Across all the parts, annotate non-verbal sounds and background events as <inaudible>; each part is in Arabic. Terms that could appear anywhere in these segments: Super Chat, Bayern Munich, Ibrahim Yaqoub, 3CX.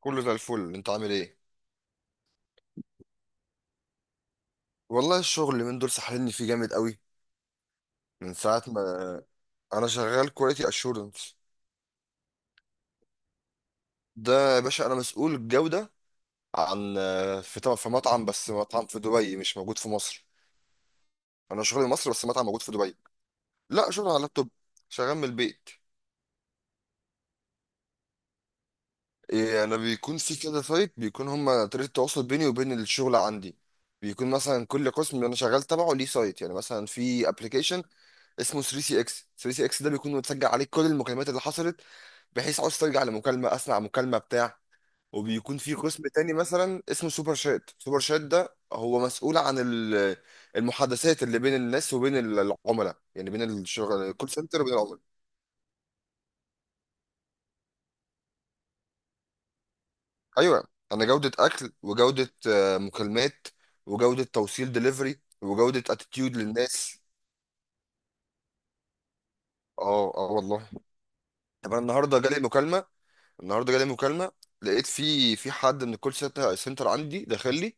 كله زي الفل، انت عامل ايه؟ والله الشغل اللي من دول سحلني فيه جامد قوي. من ساعه ما انا شغال كواليتي اشورنس. ده يا باشا انا مسؤول الجوده عن... في مطعم، بس مطعم في دبي، مش موجود في مصر. انا شغلي مصر بس مطعم موجود في دبي. لا، شغل على اللابتوب، شغال من البيت. إيه، انا بيكون في كده سايت، بيكون هما طريقه التواصل بيني وبين الشغل عندي. بيكون مثلا كل قسم انا شغال تبعه ليه سايت، يعني مثلا في ابلكيشن اسمه 3 سي اكس. 3 سي اكس ده بيكون متسجل عليه كل المكالمات اللي حصلت، بحيث عاوز ترجع لمكالمه اسمع مكالمه بتاع. وبيكون في قسم تاني مثلا اسمه سوبر شات. سوبر شات ده هو مسؤول عن المحادثات اللي بين الناس وبين العملاء، يعني بين الشغل الكول سنتر وبين العملاء. ايوه، انا جوده اكل، وجوده مكالمات، وجوده توصيل دليفري، وجوده اتيتيود للناس. اه اه والله. طب انا النهارده جالي مكالمه. النهارده جالي مكالمه لقيت في حد من الكول سنتر عندي داخل لي،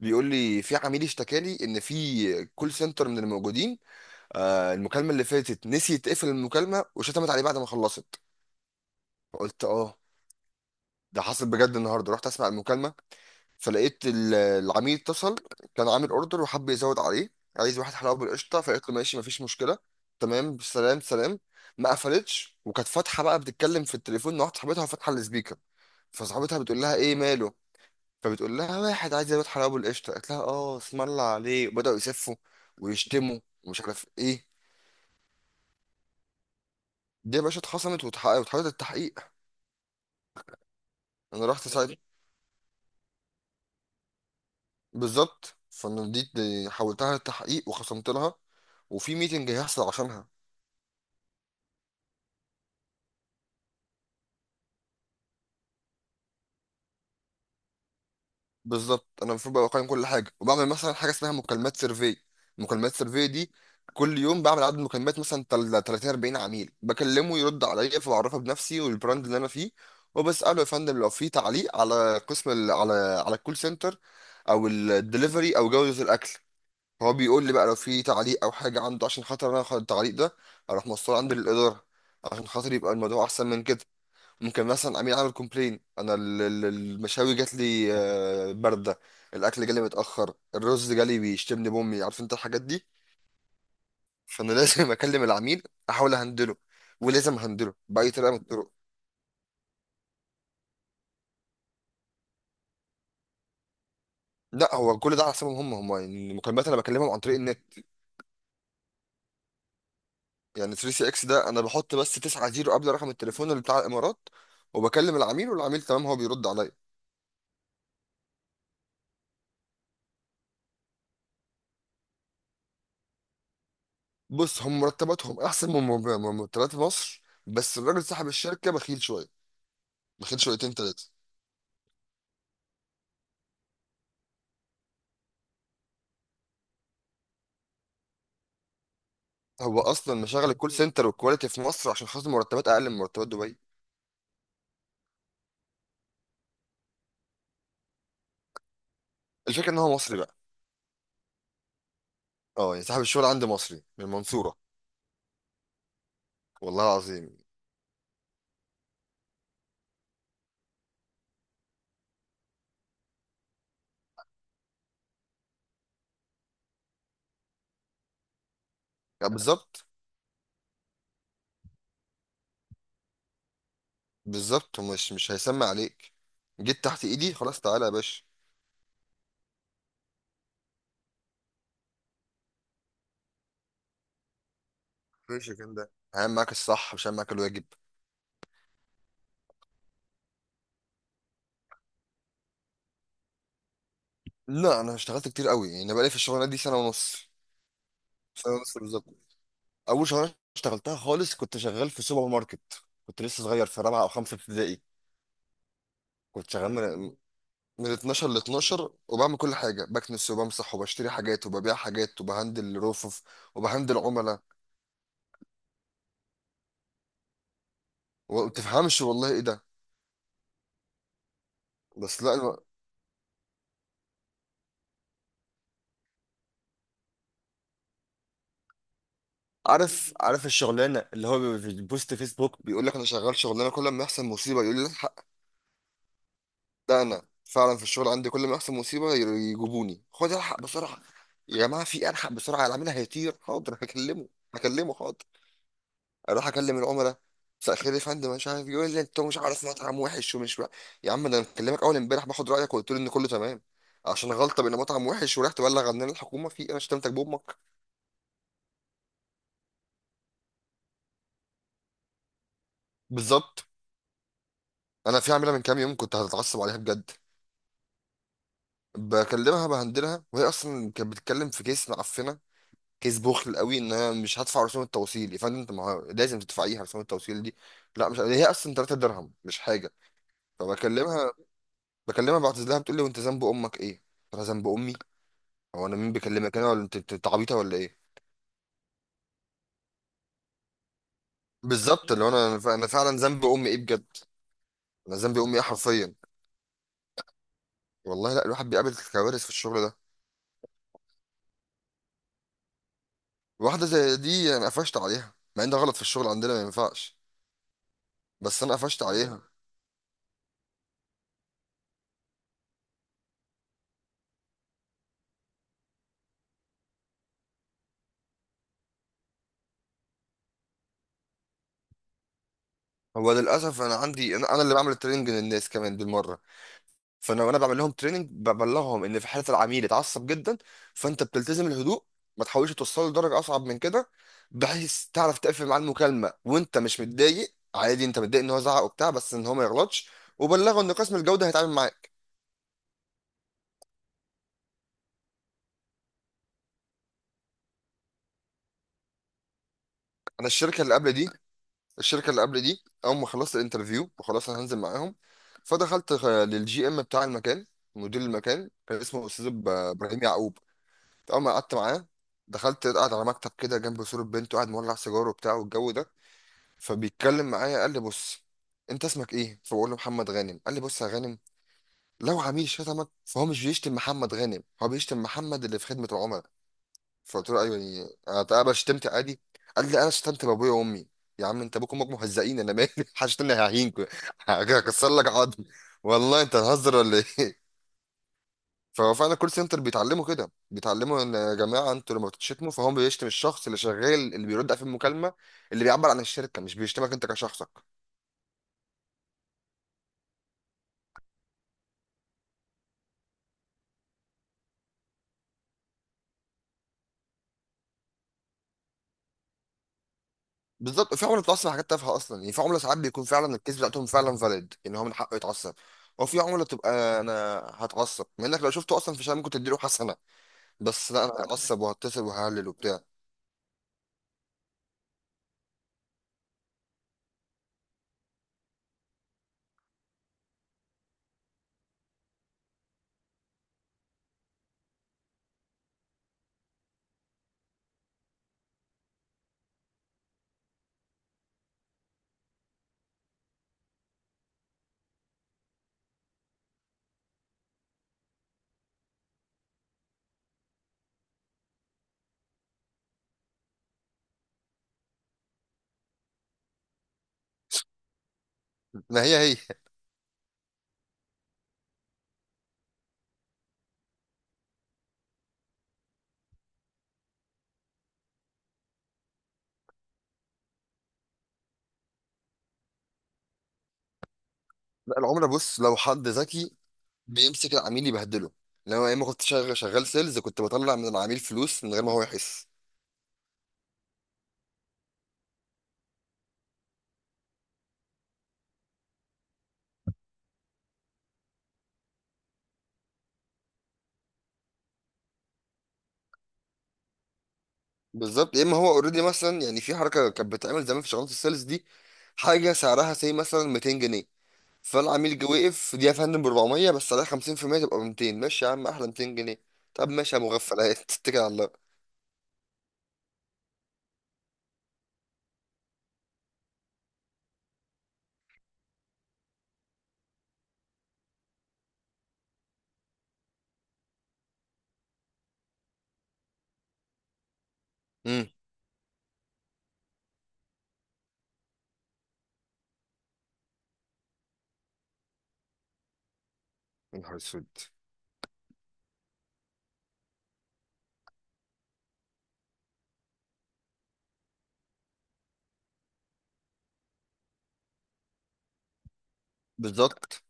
بيقول لي في عميل اشتكالي ان في كول سنتر من الموجودين آه المكالمه اللي فاتت نسي تقفل المكالمه وشتمت عليه بعد ما خلصت. فقلت اه، ده حصل بجد؟ النهارده رحت اسمع المكالمه، فلقيت العميل اتصل، كان عامل اوردر وحب يزود عليه، عايز واحد حلاوه بالقشطه. فقلت له ماشي مفيش مشكله، تمام، سلام سلام. ما قفلتش، وكانت فاتحه بقى بتتكلم في التليفون مع واحده صاحبتها، فاتحه السبيكر. فصاحبتها بتقول لها ايه ماله؟ فبتقول لها واحد عايز يزود حلاوه بالقشطه، قالت لها اه اسم الله عليه، وبداوا يسفوا ويشتموا ومش عارف ايه. دي يا باشا اتخصمت واتحولت للتحقيق. انا رحت ساعتها <laughs> بالظبط. فانا دي حولتها للتحقيق وخصمت لها، وفي ميتنج هيحصل عشانها. بالظبط، انا المفروض بقى اقيم كل حاجه، وبعمل مثلا حاجه اسمها مكالمات سيرفي. مكالمات سيرفي دي كل يوم بعمل عدد مكالمات مثلا 30 40 عميل، بكلمه يرد عليا فبعرفه بنفسي والبراند اللي انا فيه. وبساله يا فندم لو في تعليق على قسم ال... على على الكول سنتر او الدليفري او جوده الاكل. هو بيقول لي بقى لو في تعليق او حاجه عنده، عشان خاطر انا اخد التعليق ده اروح موصله عندي للاداره، عشان خاطر يبقى الموضوع احسن من كده. ممكن مثلا عميل عامل كومبلين، انا المشاوي جات لي بارده، الاكل جالي متاخر، الرز جالي، بيشتمني بامي، عارف انت الحاجات دي. فانا لازم <laughs> اكلم العميل، احاول اهندله، ولازم اهندله باي طريقه من الطرق. لا، هو كل ده على حسابهم هم، يعني المكالمات انا بكلمهم عن طريق النت. يعني 3 سي اكس ده انا بحط بس 9 زيرو قبل رقم التليفون اللي بتاع الامارات، وبكلم العميل والعميل تمام هو بيرد عليا. بص، هم مرتباتهم احسن من مرتبات مصر، بس الراجل صاحب الشركه بخيل شويه، بخيل شويتين تلاته. هو اصلا مشغل الكول سنتر والكواليتي في مصر عشان خاطر مرتبات اقل من مرتبات دبي. الفكره ان هو مصري بقى. اه، يعني صاحب الشغل عندي مصري من المنصوره. والله العظيم. يعني بالظبط. بالظبط هو مش هيسمع عليك، جيت تحت ايدي خلاص، تعالى يا باشا. ماشي، كان ده هعمل معاك الصح مش هعمل معاك الواجب. لا، انا اشتغلت كتير قوي، يعني انا بقالي في الشغلانه دي سنه ونص. سنه ونص بالظبط. اول شغلانه اشتغلتها خالص كنت شغال في سوبر ماركت، كنت لسه صغير في رابعه او خمسه ابتدائي. كنت شغال من 12 ل 12، وبعمل كل حاجه، بكنس وبمسح وبشتري حاجات وببيع حاجات وبهندل رفوف وبهندل عملاء، وما تفهمش والله ايه ده. بس لا، أنا عارف عارف الشغلانه اللي هو بيبقى في البوست فيسبوك بيقول لك انا شغال شغلانه كل ما يحصل مصيبه يقول لي الحق. ده انا فعلا في الشغل عندي كل ما يحصل مصيبه يجيبوني خد الحق بسرعه، يا جماعه في إيه؟ الحق بسرعه، اللي عاملها هيطير. حاضر هكلمه، هكلمه حاضر. اروح اكلم العملاء، مساء الخير يا فندم مش عارف، يقول لي انت مش عارف مطعم وحش ومش بقى. يا عم ده انا مكلمك اول امبارح باخد رايك وقلت لي ان كله تمام، عشان غلطه بان مطعم وحش ورحت تبلغ عننا الحكومه في إيه؟ انا شتمتك بامك. بالظبط. انا في عامله من كام يوم كنت هتتعصب عليها بجد، بكلمها بهندلها، وهي اصلا كانت بتتكلم في كيس معفنه، كيس بخل قوي ان انا مش هدفع رسوم التوصيل. يا فندم انت ما هو لازم تدفعيها رسوم التوصيل دي. لا مش هي اصلا 3 درهم، مش حاجه. فبكلمها بكلمها بعتذر لها، بتقول لي وانت ذنب امك ايه؟ انا ذنب امي؟ هو انا مين بيكلمك، انا ولا انت؟ أنت عبيطه ولا ايه؟ بالظبط اللي هو أنا فعلا ذنب امي ايه بجد؟ انا ذنب امي ايه حرفيا؟ والله لا الواحد بيقابل كوارث في الشغل ده. واحده زي دي انا قفشت عليها، مع ان ده غلط في الشغل عندنا ما ينفعش، بس انا قفشت عليها. هو للاسف انا عندي أنا اللي بعمل التريننج للناس كمان بالمره. فانا وانا بعمل لهم تريننج ببلغهم ان في حاله العميل اتعصب جدا، فانت بتلتزم الهدوء. ما تحاولش توصله لدرجه اصعب من كده، بحيث تعرف تقفل معاه المكالمه وانت مش متضايق. عادي انت متضايق ان هو زعق وبتاع بس ان هو ما يغلطش. وبلغه ان قسم الجوده هيتعامل معاك. انا الشركه اللي قبل دي، اول ما خلصت الانترفيو وخلاص انا هنزل معاهم، فدخلت للجي ام بتاع المكان. مدير المكان كان اسمه استاذ ابراهيم يعقوب. اول ما قعدت معاه دخلت قاعد على مكتب كده جنب صورة بنته، قاعد مولع سيجاره وبتاع والجو ده. فبيتكلم معايا قال لي بص، انت اسمك ايه؟ فبقول له محمد غانم. قال لي بص يا غانم، لو عميل شتمك فهو مش بيشتم محمد غانم، هو بيشتم محمد اللي في خدمة العملاء. فقلت له ايوه يعني، انا اتقبل شتمت عادي. قال لي انا شتمت بابويا وامي، يا عم انت ابوك وامك مهزئين انا مالي <laughs> محدش تاني هيهينك <laughs> هكسر لك عظم. والله انت هزر ولا ايه؟ <laughs> فهو فعلا كول سنتر بيتعلموا كده، بيتعلموا ان يا جماعه انتوا لما بتشتموا فهو بيشتم الشخص اللي شغال اللي بيرد في المكالمه، اللي بيعبر عن الشركه، مش بيشتمك انت كشخصك. بالظبط. في عمله بتتعصب حاجات تافهه اصلا، يعني في عمله ساعات بيكون فعلا الكيس بتاعتهم فعلا فاليد، يعني هو من حقه يتعصب. وفي عمله تبقى انا هتعصب مع انك لو شفته اصلا في شام ممكن تديله حسنه، بس لا انا <laughs> هتعصب وهتصل وههلل وبتاع. ما هي هي. لا العمله بص، لو حد ذكي بيمسك العميل يبهدله. لو يا اما كنت شغال سيلز، كنت بطلع من العميل فلوس من غير ما هو يحس. بالظبط، يا اما هو اوريدي مثلا، يعني في حركه كانت بتتعمل زمان في شغلات السيلز دي، حاجه سعرها سي مثلا 200 جنيه، فالعميل جه وقف دي يا فندم ب 400 بس عليها 50% تبقى ب 200، ماشي يا عم، احلى 200 جنيه. طب ماشي يا مغفل، تتكل <laughs> على الله. امم. يا نهار اسود. بالظبط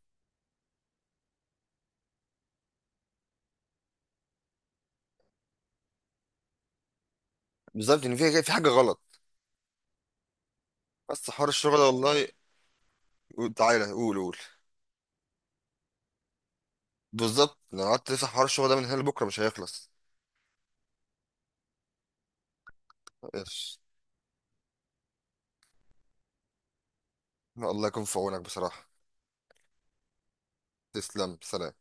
بالظبط ان في حاجه غلط. بس حوار الشغل ده والله. تعالى قول قول. بالظبط لو قعدت تفتح حوار الشغل ده من هنا لبكره مش هيخلص. ايش. الله يكون في عونك بصراحه. تسلم سلام.